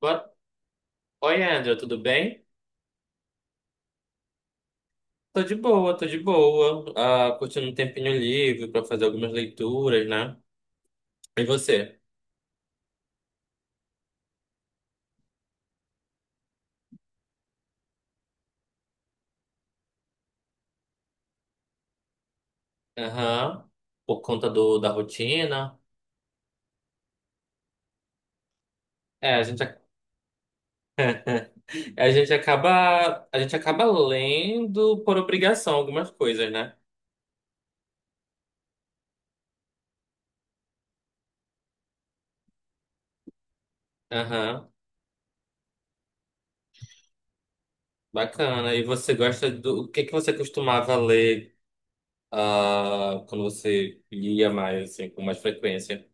Boa- Oi, André, tudo bem? Tô de boa, tô de boa. Curtindo um tempinho livre pra fazer algumas leituras, né? E você? Aham. Por conta da rotina. É, a gente, a gente a gente acaba lendo por obrigação algumas coisas, né? Aham. Bacana. E você gosta o que que você costumava ler, quando você lia mais, assim, com mais frequência?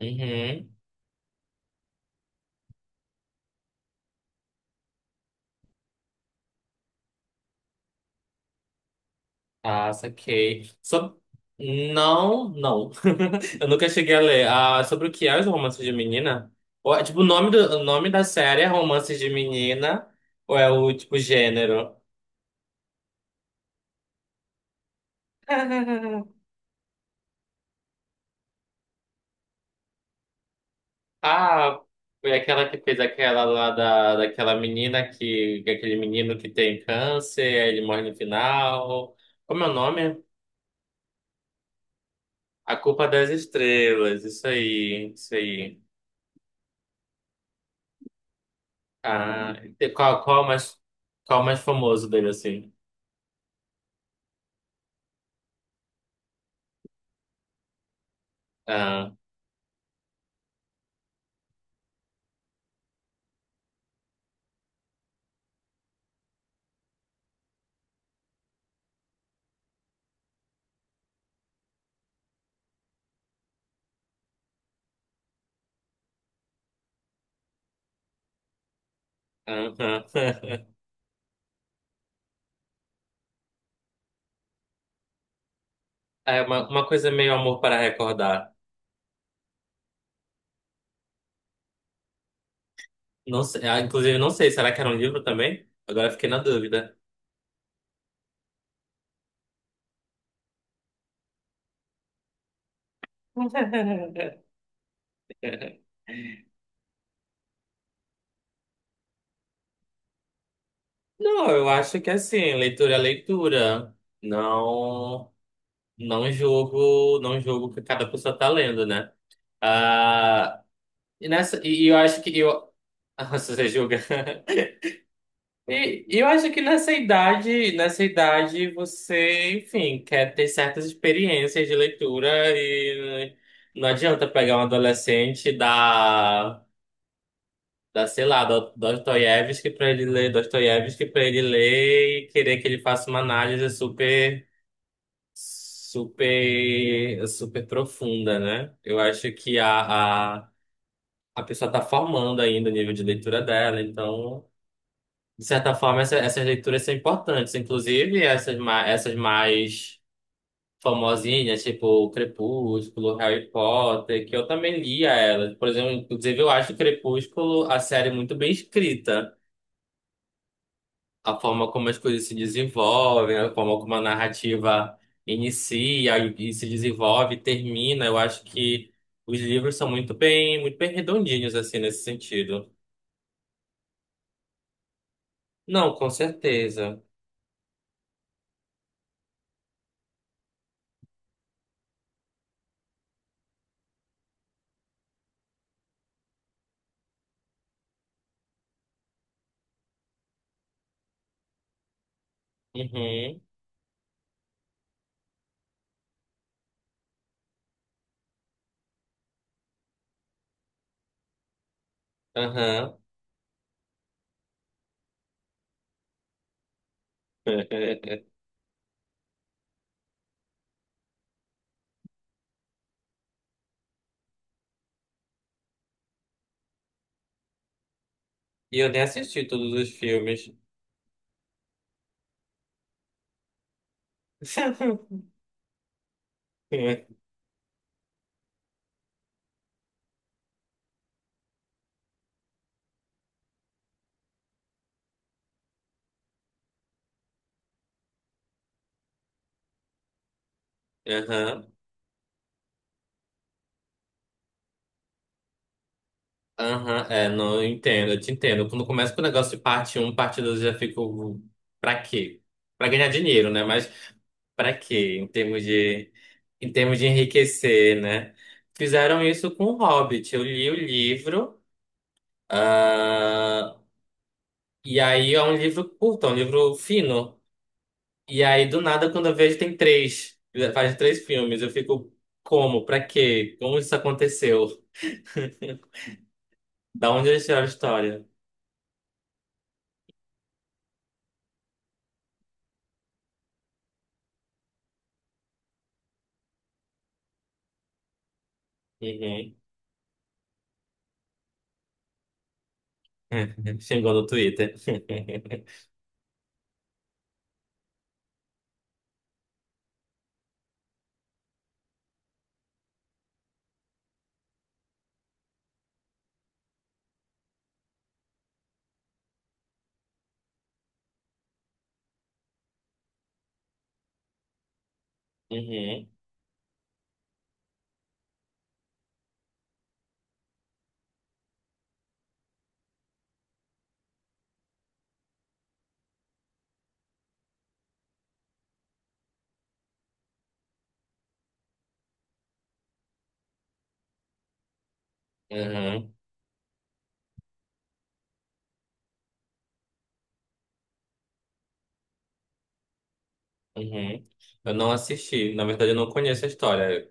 Uhum. Ah, saquei. Não, não. Eu nunca cheguei a ler. Ah, sobre o que é os romances de menina? Ou é, tipo, o nome da série é Romances de Menina? Ou é o, tipo, gênero? Ah, foi aquela que fez aquela daquela menina aquele menino que tem câncer, aí ele morre no final. Como é o nome? A Culpa das Estrelas, isso aí, isso aí. Ah, e qual, qual é mais famoso dele, assim? Ah, aham. É uma coisa meio Amor para Recordar. Não sei, ah, inclusive, não sei, será que era um livro também? Agora eu fiquei na dúvida. Não, eu acho que é assim, leitura é leitura. Não, não julgo, não julgo o que cada pessoa tá lendo, né? Ah, e nessa, e eu acho que eu, se você julga. E eu acho que nessa idade você, enfim, quer ter certas experiências de leitura e não adianta pegar um adolescente da sei lá, do Dostoiévski para ele ler, Dostoiévski para ele ler e querer que ele faça uma análise super profunda, né? Eu acho que a pessoa está formando ainda o nível de leitura dela, então de certa forma, essas leituras são importantes, inclusive essas, essas mais famosinhas, tipo o Crepúsculo, Harry Potter, que eu também lia elas. Por exemplo, inclusive eu acho o Crepúsculo a série muito bem escrita, a forma como as coisas se desenvolvem, a forma como a narrativa inicia e se desenvolve, e termina. Eu acho que os livros são muito bem redondinhos assim nesse sentido. Não, com certeza. Uhum, aham. E eu nem assisti todos os filmes. Aham, aham, é, não, eu entendo, eu te entendo. Quando começa com o negócio de parte um parte 2 eu já fico. Pra quê? Pra ganhar dinheiro, né? Mas pra quê? Em termos de enriquecer, né? Fizeram isso com o Hobbit. Eu li o livro, ah, e aí é um livro curto, é um livro fino. E aí, do nada, quando eu vejo, tem três. Faz três filmes. Eu fico, como? Pra quê? Como isso aconteceu? Da onde eles tiraram a história? Uhum. Xingou no Twitter. Uhum. Uhum. Uhum. Eu não assisti. Na verdade, eu não conheço a história.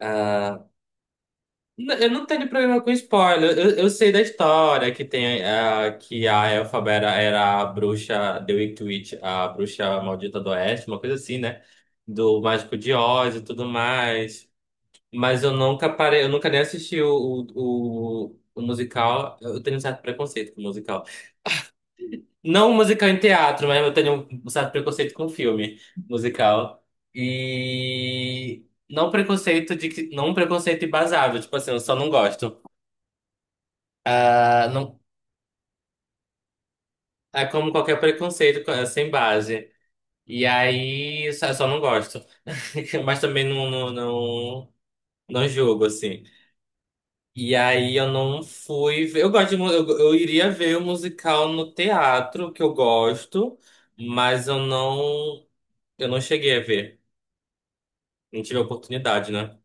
Ah, eu não tenho problema com spoiler. Eu sei da história que tem ah, que a Elphaba era a bruxa The Wicked Witch, a bruxa maldita do Oeste, uma coisa assim, né? Do Mágico de Oz e tudo mais. Mas eu nunca parei, eu nunca nem assisti o musical. Eu tenho um certo preconceito com musical. Não musical em teatro, mas eu tenho um certo preconceito com filme musical. E não preconceito de que, não um preconceito embasável, tipo assim, eu só não gosto. Ah, não, é como qualquer preconceito é sem base. E aí, só não gosto. Mas também não julgo, assim. E aí eu não fui. Eu gosto de, eu iria ver o musical no teatro, que eu gosto, mas eu não cheguei a ver. Não tive a oportunidade, né?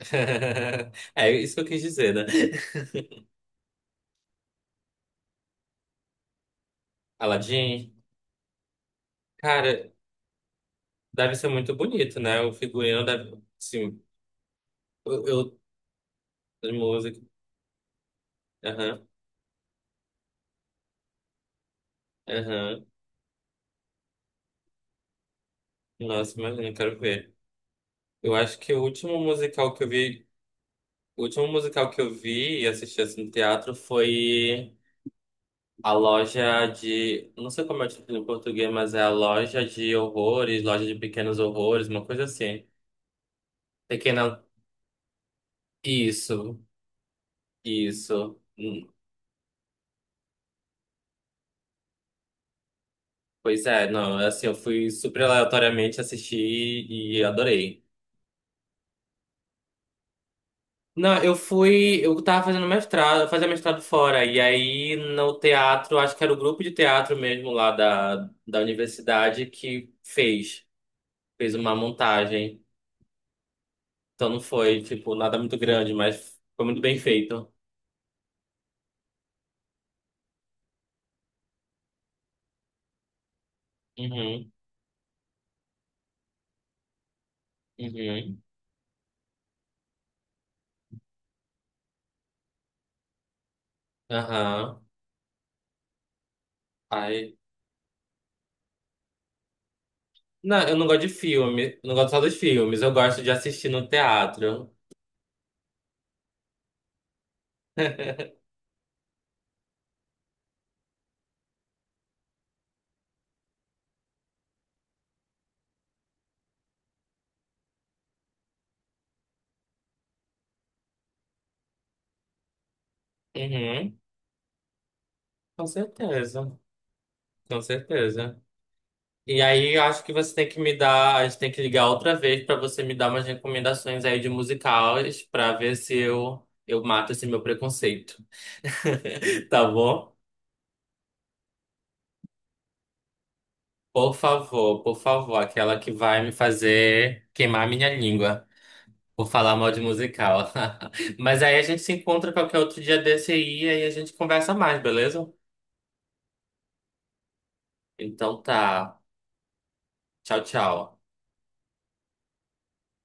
É isso que eu quis dizer, né? Aladdin, cara, deve ser muito bonito, né? O figurino deve, sim, eu a música, aham, aham. Nossa, imagina, eu quero ver. Eu acho que o último musical que eu vi, o último musical que eu vi e assisti assim no teatro foi A loja de. Não sei como é o título em português, mas é A Loja de Horrores, Loja de Pequenos Horrores, uma coisa assim. Pequena. Isso, isso. Pois é, não, é assim, eu fui super aleatoriamente assistir e adorei. Não, eu fui. Eu tava fazendo mestrado, eu fazia mestrado fora, e aí no teatro, acho que era o grupo de teatro mesmo da universidade fez uma montagem. Então não foi, tipo, nada muito grande, mas foi muito bem feito. Uhum, uhum, aham. Ai. Não, eu não gosto de filme. Eu não gosto só dos filmes. Eu gosto de assistir no teatro. Uhum, com certeza. Com certeza. E aí, eu acho que você tem que me dar. A gente tem que ligar outra vez pra você me dar umas recomendações aí de musicais pra ver se eu mato esse meu preconceito. Tá bom? Por favor, aquela que vai me fazer queimar minha língua. Por falar mal de musical. Mas aí a gente se encontra qualquer outro dia desse aí e aí a gente conversa mais, beleza? Então tá. Tchau, tchau.